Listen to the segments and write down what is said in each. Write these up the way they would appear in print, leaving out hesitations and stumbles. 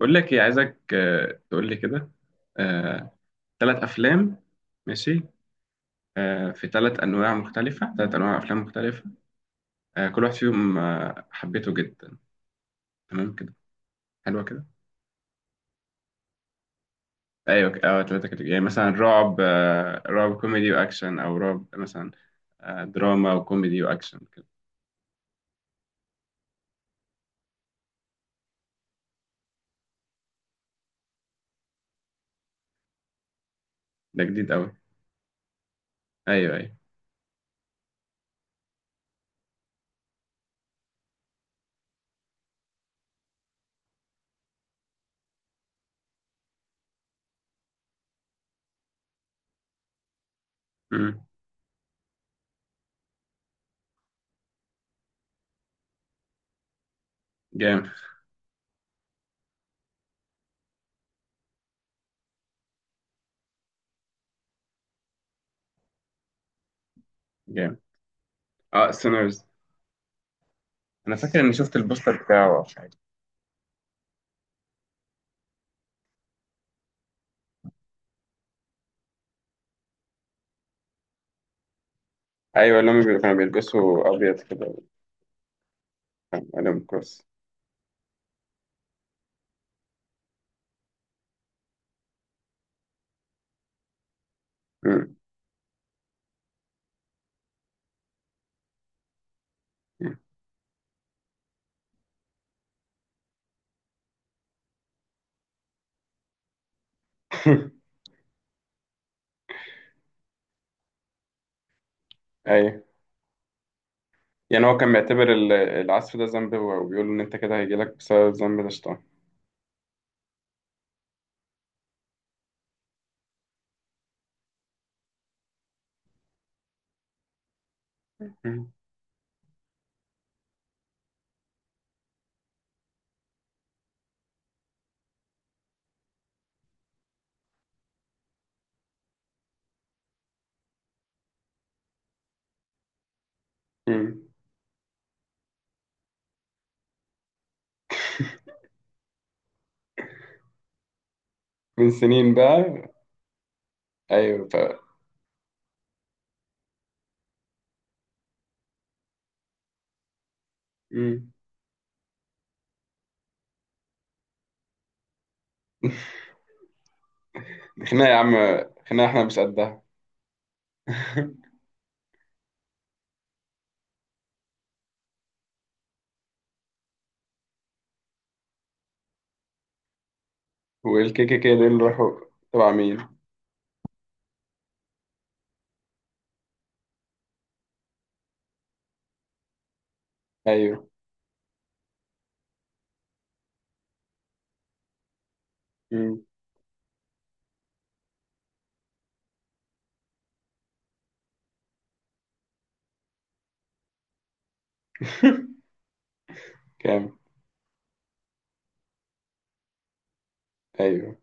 بقول لك ايه عايزك، تقول لي كده. ثلاث افلام. ماشي. في ثلاث انواع مختلفه، ثلاث انواع افلام مختلفه. كل واحد فيهم حبيته جدا. تمام كده. حلوه كده. ايوه، ثلاثه كده، يعني مثلا رعب، رعب كوميدي واكشن او رعب مثلا. دراما وكوميدي واكشن كده. ده جديد قوي. ايوه، ايوه. مم. جامد. جامد. اه، سينرز. انا فاكر اني شفت البوستر بتاعه او حاجه. ايوه، اللي هم كانوا بيلبسوا ابيض كده، وكان عليهم كروس. مم. ايوه، يعني هو كان معتبر العسل ده ذنب، هو وبيقول ان انت كده هيجيلك بسبب الذنب ده شيطان. مم. مم. من سنين بقى. ايوه. مم. خناقه يا عم، خناقه احنا مش قدها. والكي كي كي دول راحوا تبع مين؟ ايوه. مم. كام؟ ايوه.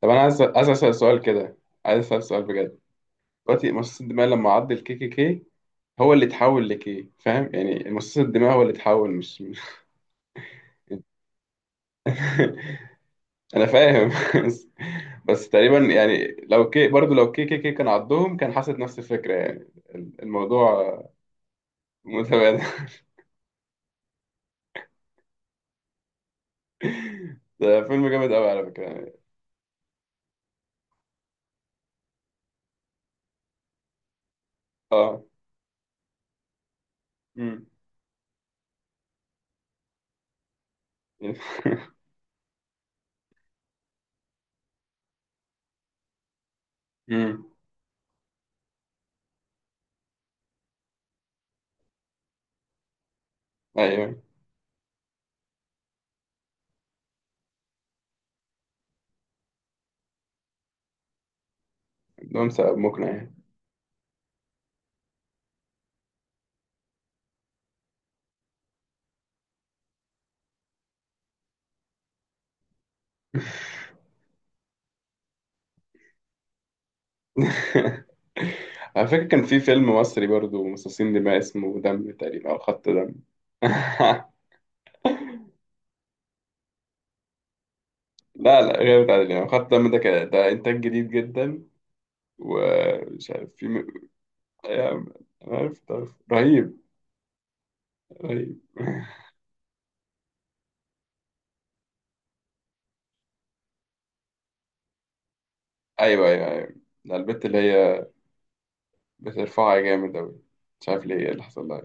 طب انا عايز اسال سؤال كده، عايز اسال سؤال بجد. دلوقتي مصاص الدماء لما عض الكي كي كي، هو اللي اتحول لكي، فاهم؟ يعني مصاص الدماء هو اللي اتحول، مش انا فاهم بس بس تقريبا يعني، لو كي كي كي كان عضهم كان حصلت نفس الفكره يعني. الموضوع متبادل. ده فيلم جامد قوي على فكره يعني. اه امم امم ايوه، عندهم سبب مقنع يعني. على فكره كان في فيلم مصري برضه مصاصين دماء اسمه دم تقريبا او خط دم. لا، لا، غير بتاع يعني خط دم، ده كده، ده انتاج جديد جدا ومش عارف في. يا عم، أنا عرفت، عرفت، رهيب. رهيب. أيوه، أيوه، أيوه، ده البت اللي هي بترفعها جامد أوي، مش عارف ليه، إيه اللي حصل لها؟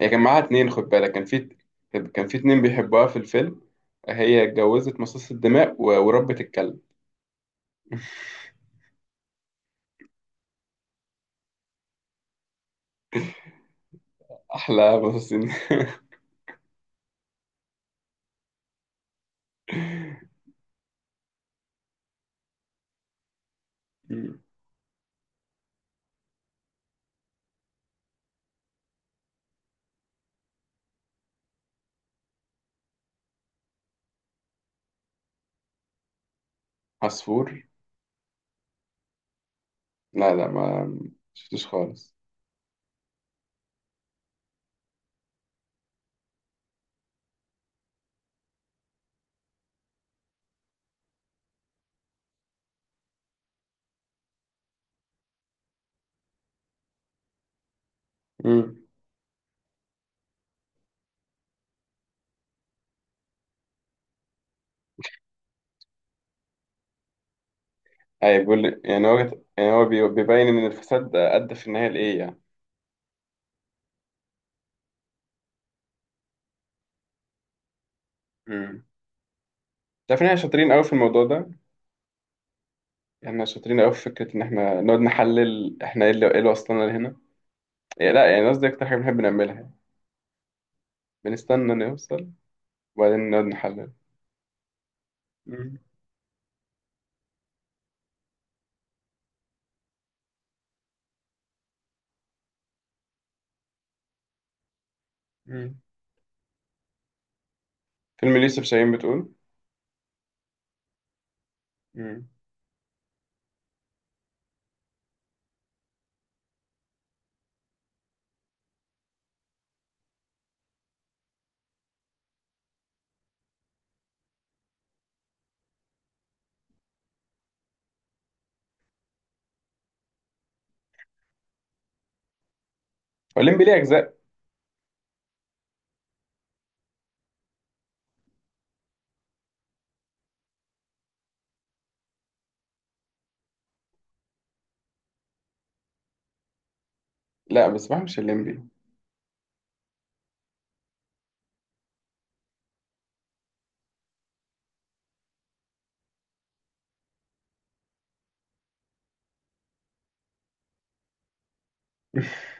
هي كان معاها اتنين، خد بالك كان في، كان في اتنين بيحبوها في الفيلم، هي اتجوزت مصاص الدماء وربت الكلب. أحلى مصاصين. عصفور. لا لا، ما شفتوش خالص. مم. أي، بيقول يعني هو، يعني هو بيبين إن الفساد أدى في النهاية لإيه يعني. مم. تعرف إن احنا شاطرين أوي في الموضوع ده؟ احنا شاطرين قوي في فكره ان احنا نقعد نحلل، احنا ايه اللي وصلنا لهنا، يعني لا، يعني قصدي اكتر حاجه بنحب نعملها يعني. بنستنى نوصل وبعدين نقعد نحلل. مم. مم. فيلم ليوسف شاهين بتقول؟ مم. هو الليمبي ليه اجزاء؟ لا، بس بقى مش الليمبي.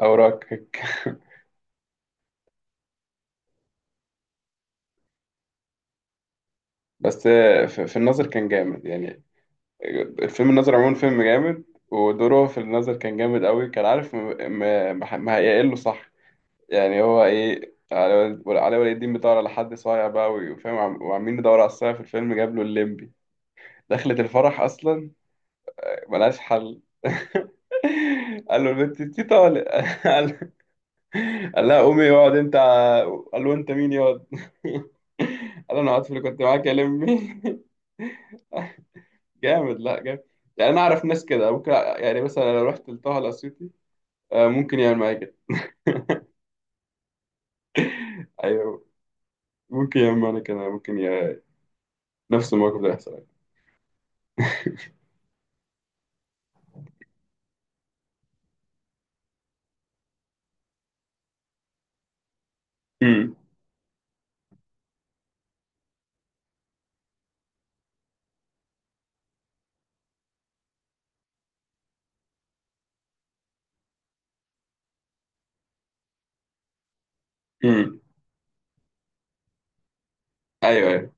اوراقك. بس في النظر كان جامد يعني. الفيلم النظر عموما فيلم جامد. ودوره في النظر كان جامد قوي، كان عارف ما هيقله صح. يعني هو ايه، علي ولي الدين بيدور على حد صايع بقى وفاهم، وعمالين ندور على الصايع في الفيلم، جاب له الليمبي دخلة الفرح اصلا، ملهاش حل. قال له البنت انت طالق. قال، قال لها قومي اقعد انت، قال له انت مين يقعد، قال له انا قعدت في اللي كنت معاك يا لمي. جامد، لا جامد. يعني انا اعرف ناس كده، ممكن يعني مثلا لو رحت لطه الاسيوطي، ممكن يعمل معايا كده. ايوه، ممكن يعمل معايا كده، ممكن نفس الموقف ده يحصل. مم. ايوه، ايوه.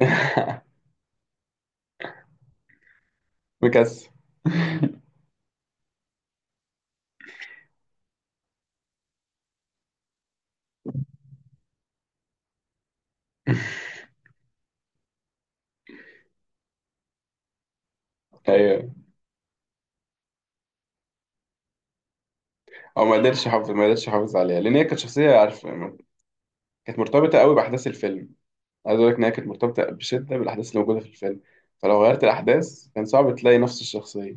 مكسل. ايوه، هو ما قدرش يحافظ، ما قدرش يحافظ عليها، لان هي كانت شخصيه، عارف، كانت مرتبطه قوي باحداث الفيلم. عايز اقول لك ان هي كانت مرتبطه بشده بالاحداث اللي موجوده في الفيلم، فلو غيرت الاحداث كان صعب تلاقي نفس الشخصيه.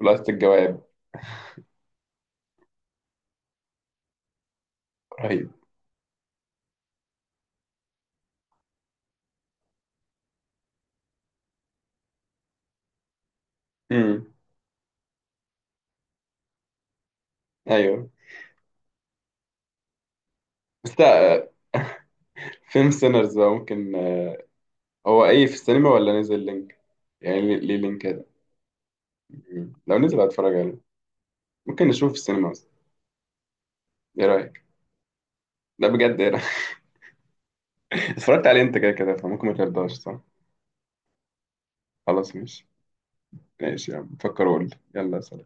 لقطه الجواب. رهيب. امم ايوه، بس لا، فيلم سينرز ده ممكن، هو ايه، في السينما ولا نزل لينك؟ يعني ليه لينك كده؟ مم. لو نزل هتفرج عليه، ممكن نشوفه في السينما اصلا؟ ايه رايك؟ لا بجد، ايه رايك؟ اتفرجت عليه انت كده كده، فممكن ما ترضاش. خلاص ماشي. ماشي يا عم، فكر وقول لي. يلا سلام.